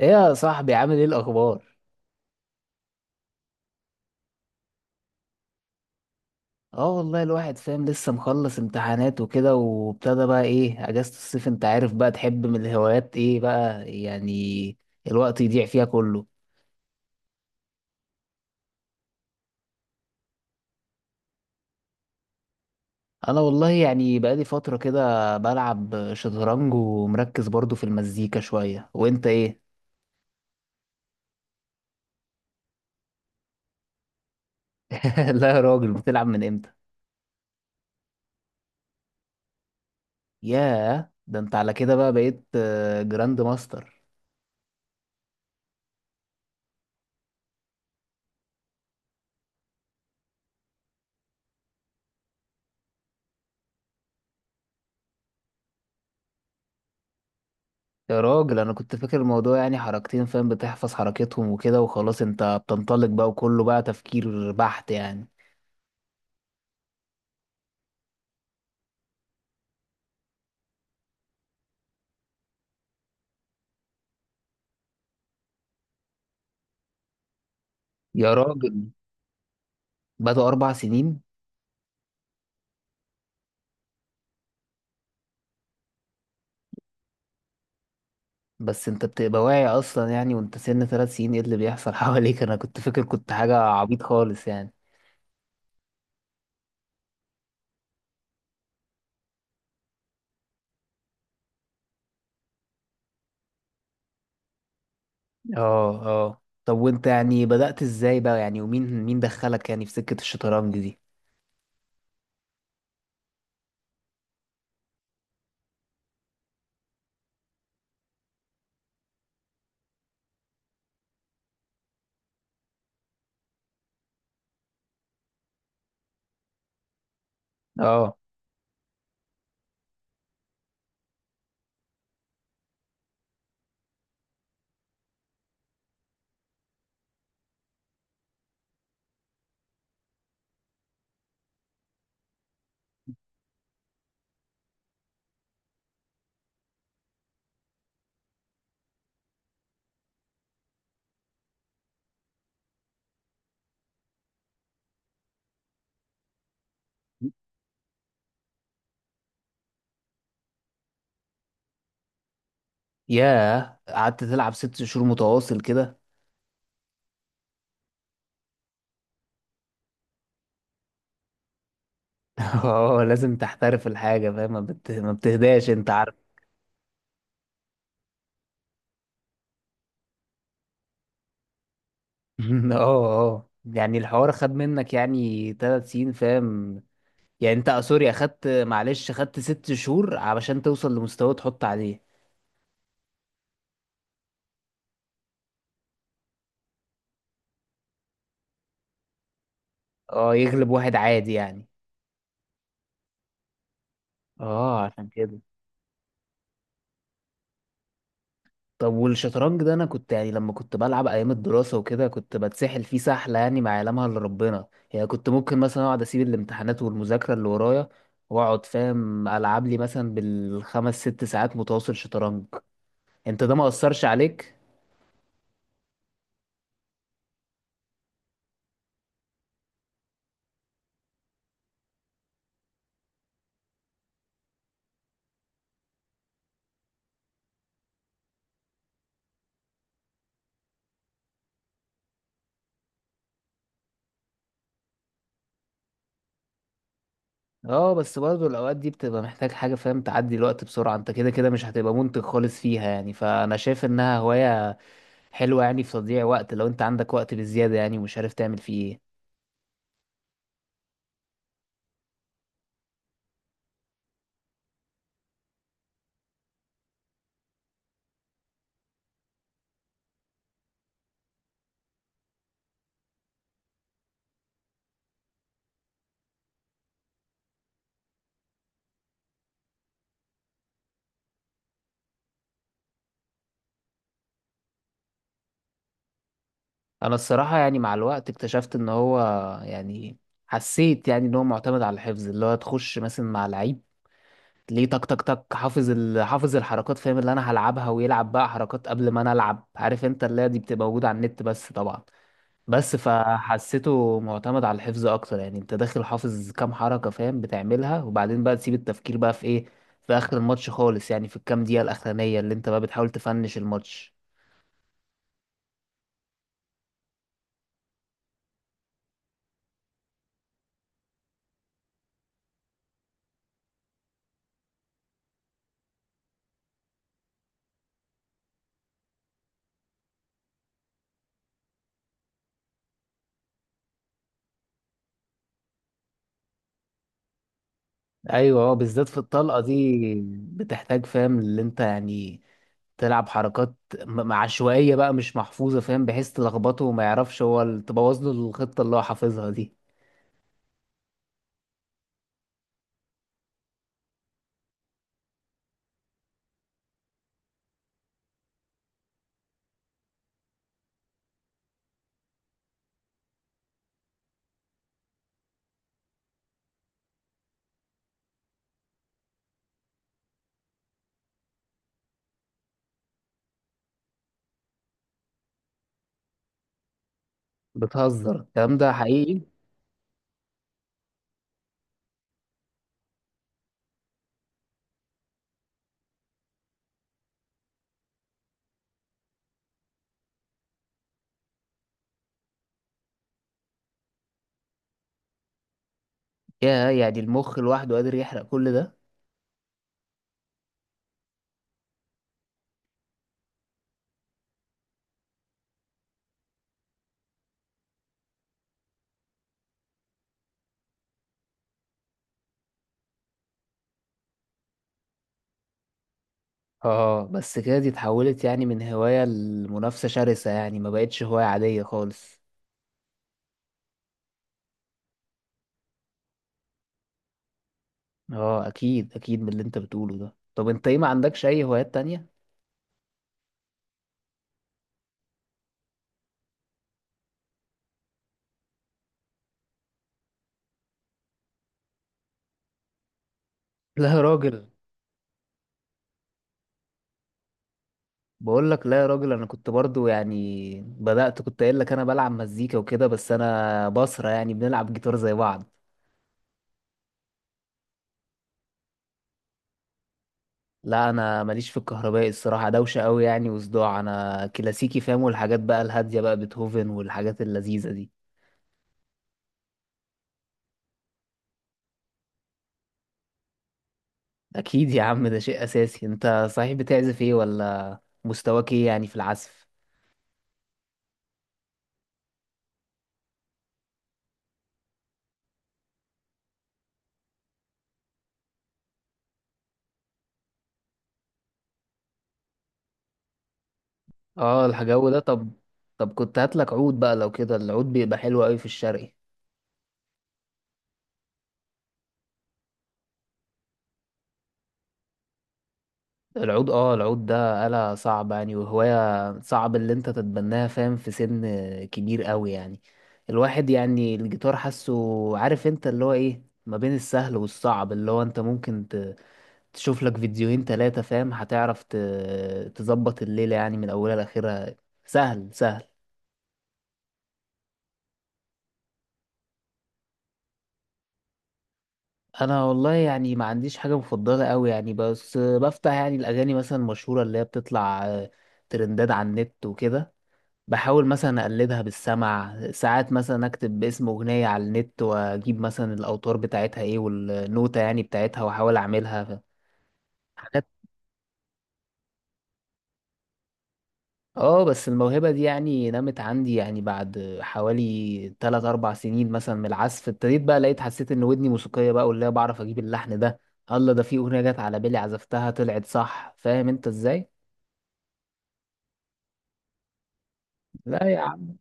ايه يا صاحبي، عامل ايه الاخبار؟ اه والله الواحد فاهم، لسه مخلص امتحانات وكده وابتدى بقى ايه اجازة الصيف. انت عارف بقى، تحب من الهوايات ايه بقى يعني الوقت يضيع فيها كله؟ انا والله يعني بقالي فترة كده بلعب شطرنج ومركز برضو في المزيكا شوية، وانت ايه؟ لا يا راجل، بتلعب من امتى؟ ياه، ده انت على كده بقى بقيت جراند ماستر. يا راجل، انا كنت فاكر الموضوع يعني حركتين فاهم، بتحفظ حركتهم وكده وخلاص انت بتنطلق بقى وكله بقى تفكير بحت يعني. يا راجل، بدأوا اربع سنين؟ بس انت بتبقى واعي اصلا يعني وانت سن ثلاث سنين، ايه اللي بيحصل حواليك؟ انا كنت فاكر كنت حاجة عبيط خالص يعني. اه اه، طب وانت يعني بدأت ازاي بقى يعني، ومين مين دخلك يعني في سكة الشطرنج دي؟ اه. ياه، قعدت تلعب ست شهور متواصل كده؟ اه، لازم تحترف الحاجة فاهم، ما بتهداش انت. اه اه، يعني الحوار خد منك يعني تلات سنين فاهم. يعني انت سوري، اخدت ست شهور علشان توصل لمستوى تحط عليه. اه، يغلب واحد عادي يعني. اه، عشان كده. طب والشطرنج ده، انا كنت يعني لما كنت بلعب ايام الدراسة وكده كنت بتسحل فيه سحلة يعني ما يعلمها الا ربنا. يعني كنت ممكن مثلا اقعد اسيب الامتحانات والمذاكرة اللي ورايا، واقعد فاهم العب لي مثلا بالخمس ست ساعات متواصل شطرنج. انت ده ما اثرش عليك؟ اه، بس برضه الاوقات دي بتبقى محتاج حاجه فاهم تعدي الوقت بسرعه. انت كده كده مش هتبقى منتج خالص فيها يعني، فانا شايف انها هوايه حلوه يعني في تضييع وقت لو انت عندك وقت بالزياده يعني ومش عارف تعمل فيه ايه. انا الصراحه يعني مع الوقت اكتشفت ان هو يعني، حسيت يعني ان هو معتمد على الحفظ. اللي هو تخش مثلا مع لعيب، ليه؟ تك تك تك، حافظ الحركات فاهم اللي انا هلعبها، ويلعب بقى حركات قبل ما انا العب. عارف انت، اللي هي دي بتبقى موجوده على النت بس طبعا. بس فحسيته معتمد على الحفظ اكتر يعني، انت داخل حافظ كام حركة فاهم بتعملها، وبعدين بقى تسيب التفكير بقى في ايه؟ في اخر الماتش خالص يعني، في الكام دقيقة الاخرانية اللي انت بقى بتحاول تفنش الماتش. ايوه، اه، بالذات في الطلقة دي بتحتاج فاهم اللي انت يعني تلعب حركات عشوائية بقى، مش محفوظة فاهم، بحيث تلخبطه وما يعرفش هو، تبوظ له الخطة اللي هو حافظها دي. بتهزر، الكلام ده حقيقي؟ يا، يعني المخ لوحده قادر يحرق كل ده؟ اه، بس كده دي اتحولت يعني من هواية لمنافسة شرسة، يعني ما بقتش هواية عادية خالص. اه، اكيد اكيد، من اللي انت بتقوله ده. طب انت ايه، ما عندكش اي هوايات تانية؟ لا يا راجل. بقول لك، لا يا راجل، انا كنت برضو يعني بدأت، كنت قايل لك انا بلعب مزيكا وكده، بس انا بصرة يعني بنلعب جيتار زي بعض. لا، انا ماليش في الكهربائي الصراحة، دوشة قوي يعني وصداع، انا كلاسيكي فاهم، والحاجات بقى الهادية بقى، بيتهوفن والحاجات اللذيذة دي. اكيد يا عم، ده شيء اساسي. انت صحيح بتعزف ايه ولا مستواك ايه يعني في العزف؟ اه، الجو ده، طب. طب كنت هاتلك عود بقى لو كده، العود بيبقى حلو قوي في الشرقي. العود، العود ده آلة صعبة يعني، وهواية صعب اللي انت تتبناها فاهم في سن كبير قوي يعني. الواحد يعني الجيتار حاسه، عارف انت اللي هو ايه، ما بين السهل والصعب. اللي هو انت ممكن تشوف لك فيديوهين تلاتة فاهم، هتعرف تظبط الليلة يعني من اولها لاخرها. سهل سهل. انا والله يعني ما عنديش حاجه مفضله قوي يعني، بس بفتح يعني الاغاني مثلا المشهوره اللي هي بتطلع ترندات على النت وكده. بحاول مثلا اقلدها بالسمع، ساعات مثلا اكتب اسم اغنيه على النت واجيب مثلا الاوتار بتاعتها ايه والنوتة يعني بتاعتها، واحاول اعملها. اه، بس الموهبة دي يعني نمت عندي يعني بعد حوالي 3 4 سنين مثلا من العزف، ابتديت بقى لقيت حسيت ان ودني موسيقية بقى، واللي هي بعرف اجيب اللحن ده. الله، ده في اغنية جت على بالي عزفتها طلعت صح، فاهم انت ازاي. لا يا عم.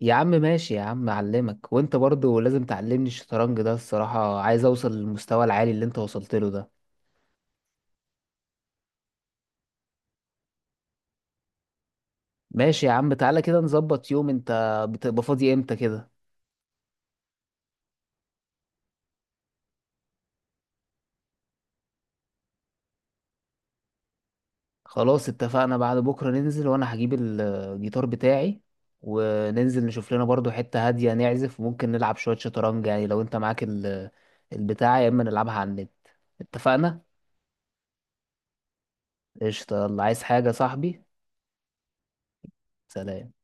يا عم ماشي يا عم، اعلمك وانت برضو لازم تعلمني الشطرنج ده، الصراحة عايز اوصل للمستوى العالي اللي انت وصلت له ده. ماشي يا عم، تعالى كده نظبط يوم. انت بتبقى فاضي امتى كده؟ خلاص اتفقنا، بعد بكرة ننزل، وانا هجيب الجيتار بتاعي وننزل نشوف لنا برضو حتة هادية نعزف، وممكن نلعب شوية شطرنج يعني لو انت معاك البتاع، يا اما نلعبها على النت. اتفقنا. قشطة، يلا، عايز حاجة يا صاحبي؟ سلام.